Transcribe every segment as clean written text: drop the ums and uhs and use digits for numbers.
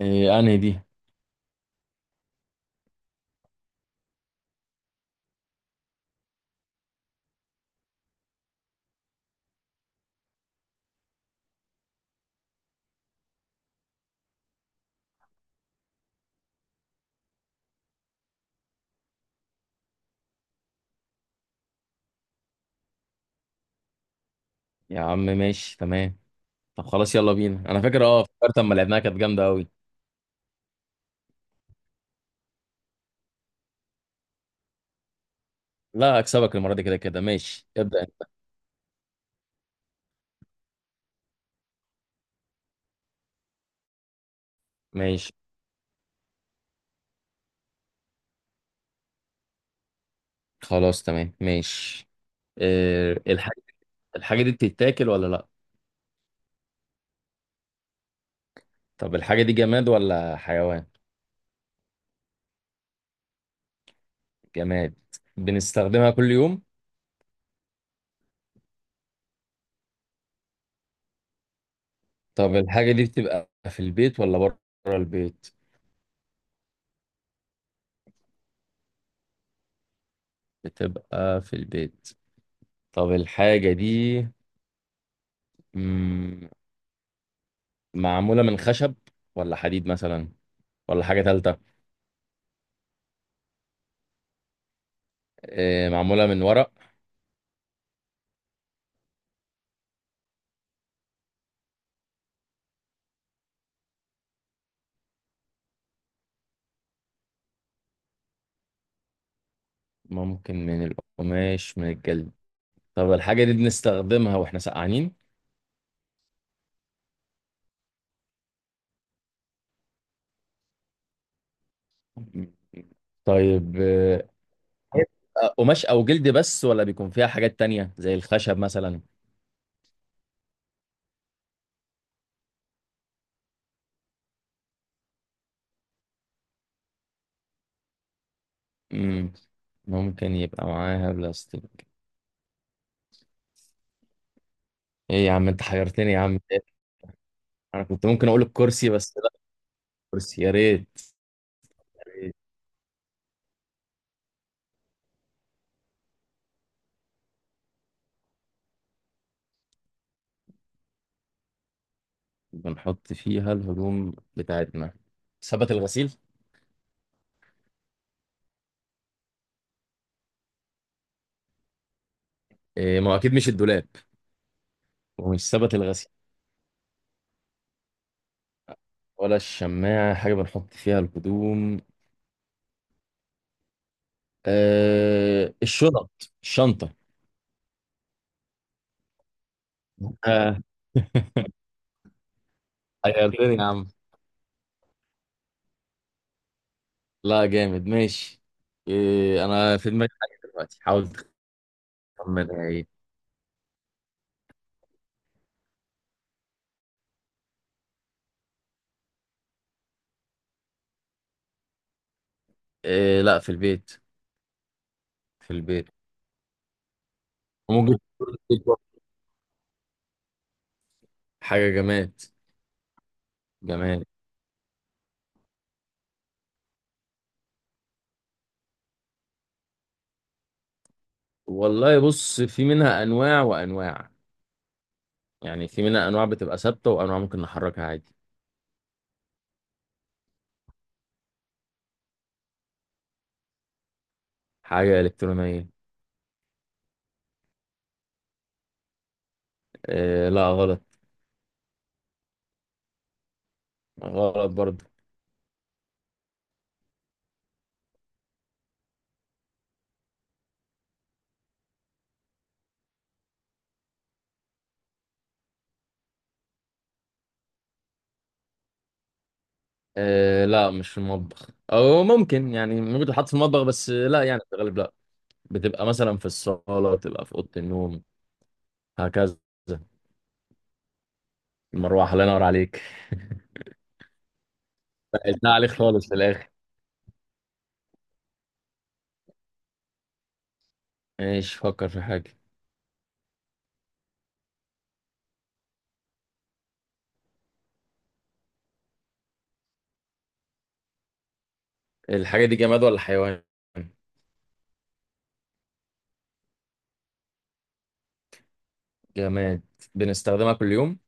إيه انهي دي؟ يا عم ماشي تمام. طب خلاص، يلا بينا. انا فاكر اه فكرت اما لعبناها كانت جامده قوي. لا اكسبك المره دي، كده كده ماشي ابدا انت. ماشي خلاص، تمام ماشي. إيه الحاجه دي بتتاكل ولا لا؟ طب الحاجه دي جماد ولا حيوان؟ جماد. بنستخدمها كل يوم؟ طب الحاجه دي بتبقى في البيت ولا بره البيت؟ بتبقى في البيت. طب الحاجه دي مم، معموله من خشب ولا حديد مثلا ولا حاجه ثالثه؟ معمولة من ورق؟ ممكن من القماش من الجلد. طب الحاجة دي بنستخدمها واحنا سقعانين؟ طيب قماش أو جلد بس ولا بيكون فيها حاجات تانية زي الخشب مثلا؟ مم. ممكن يبقى معاها بلاستيك. ايه يا عم، انت حيرتني يا عم. انا كنت ممكن اقول الكرسي بس لا. الكرسي يا ريت. بنحط فيها الهدوم بتاعتنا. سبت الغسيل؟ إيه، ما هو اكيد مش الدولاب. ومش سبت الغسيل. ولا الشماعة، حاجة بنحط فيها الهدوم؟ آه الشنط، الشنطة. آه، غيرتني يا عم. لا جامد ماشي. أنا في دماغي حاجة دلوقتي، حاول تخمنها إيه. آه لا، في البيت. في البيت. وممكن تكون في البيت برضه. حاجة جماد. جماد. والله بص، في منها أنواع وأنواع. يعني في منها أنواع بتبقى ثابتة وأنواع ممكن نحركها عادي. حاجة إلكترونية. آه لا غلط. غلط برضه. آه لا مش في المطبخ، أو ممكن يعني ممكن تحط في المطبخ بس لا يعني في الغالب لا. بتبقى مثلا في الصالة، بتبقى في أوضة النوم، هكذا. المروحة، الله ينور عليك. سهلتها عليك خالص في الآخر. ماشي، فكر في حاجة. الحاجة دي جماد ولا حيوان؟ جماد. بنستخدمها كل يوم.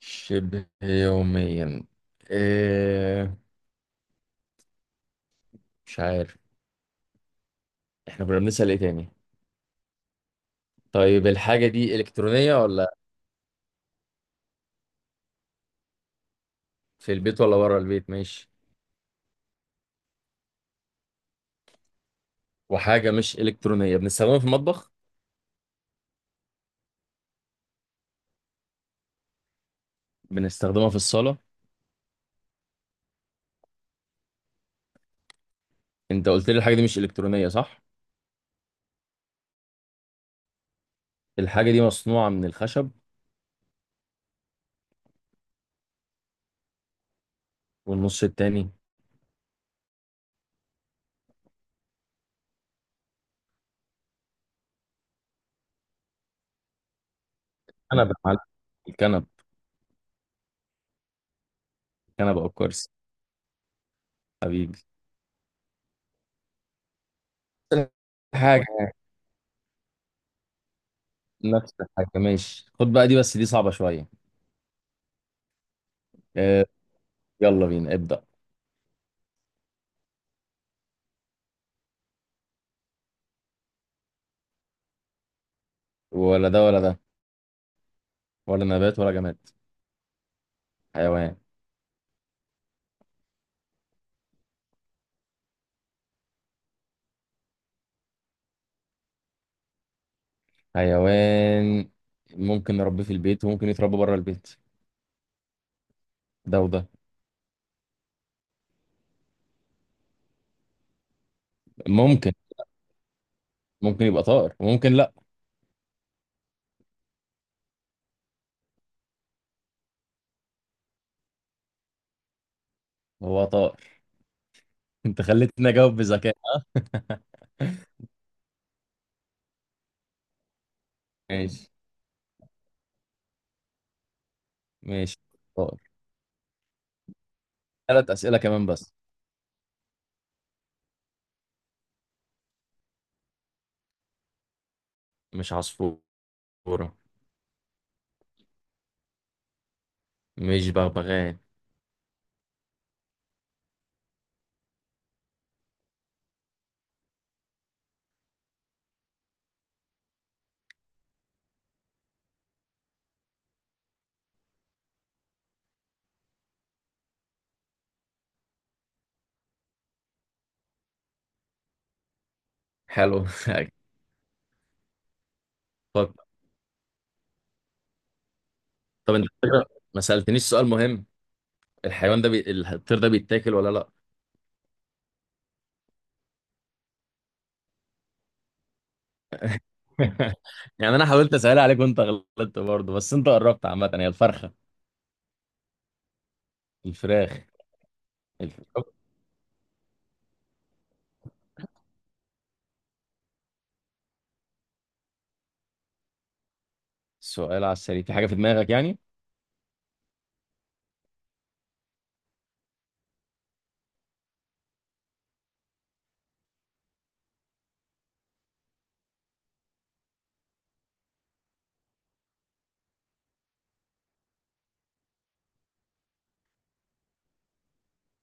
شبه يوميا. إيه، مش عارف، احنا كنا بنسأل ايه تاني؟ طيب الحاجة دي إلكترونية ولا؟ في البيت ولا بره البيت، ماشي. وحاجة مش إلكترونية بنستخدمها في المطبخ؟ بنستخدمها في الصالة. انت قلت لي الحاجة دي مش إلكترونية، صح؟ الحاجة دي مصنوعة من الخشب. والنص التاني؟ كنبة يا معلم. الكنبة. الكنبة أو الكرسي. حبيبي. نفس الحاجة. نفس الحاجة، ماشي. خد بقى دي، بس دي صعبة شوية. آه، يلا بينا ابدأ. ولا ده ولا ده. ولا نبات ولا جماد، حيوان. حيوان. ممكن نربيه في البيت، وممكن يتربى بره البيت. ده وده. ممكن ممكن يبقى طائر، وممكن لا. هو طائر. انت خليتني اجاوب بذكاء. ماشي، ماشي. طائر. ثلاث أسئلة كمان بس. مش عصفورة. مش بغبغان. حلو. طب طب انت فكرة. ما سألتنيش سؤال مهم. الحيوان ده الطير ده بيتاكل ولا لا؟ يعني انا حاولت اسأل عليك وانت غلطت برضه، بس انت قربت. عامة هي الفرخة. الفراخ. الف- السؤال على السريع؟ في حاجة في دماغك يعني.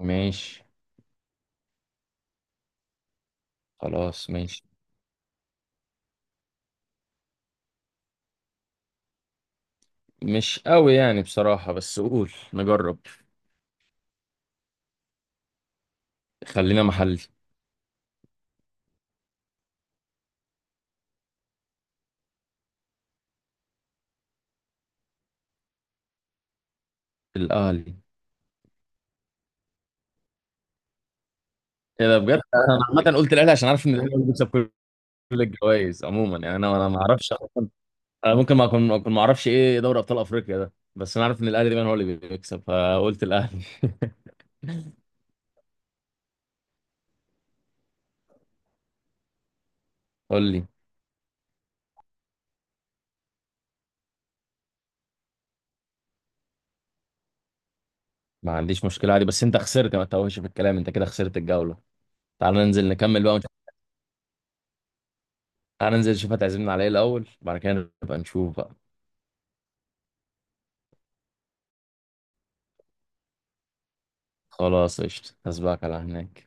ماشي، خلاص ماشي. مش قوي يعني بصراحة، بس قول نجرب. خلينا محلي. الأهلي. ايه ده بجد. انا عامة قلت الأهلي عشان عارف ان الأهلي هو اللي بيكسب كل الجوائز عموما. يعني انا ما اعرفش. انا ممكن ما اكون ما اعرفش ايه دوري ابطال افريقيا ده، بس انا عارف ان الاهلي دايما هو اللي بيكسب فقلت الاهلي. قول لي. ما عنديش مشكله عادي، بس انت خسرت، ما تتوهش في الكلام، انت كده خسرت الجوله. تعال ننزل نكمل بقى ونشوف. تعال ننزل نشوف هتعزمنا على ايه الاول، بعد كده نبقى نشوف بقى. خلاص قشطه، هسبقك على هناك.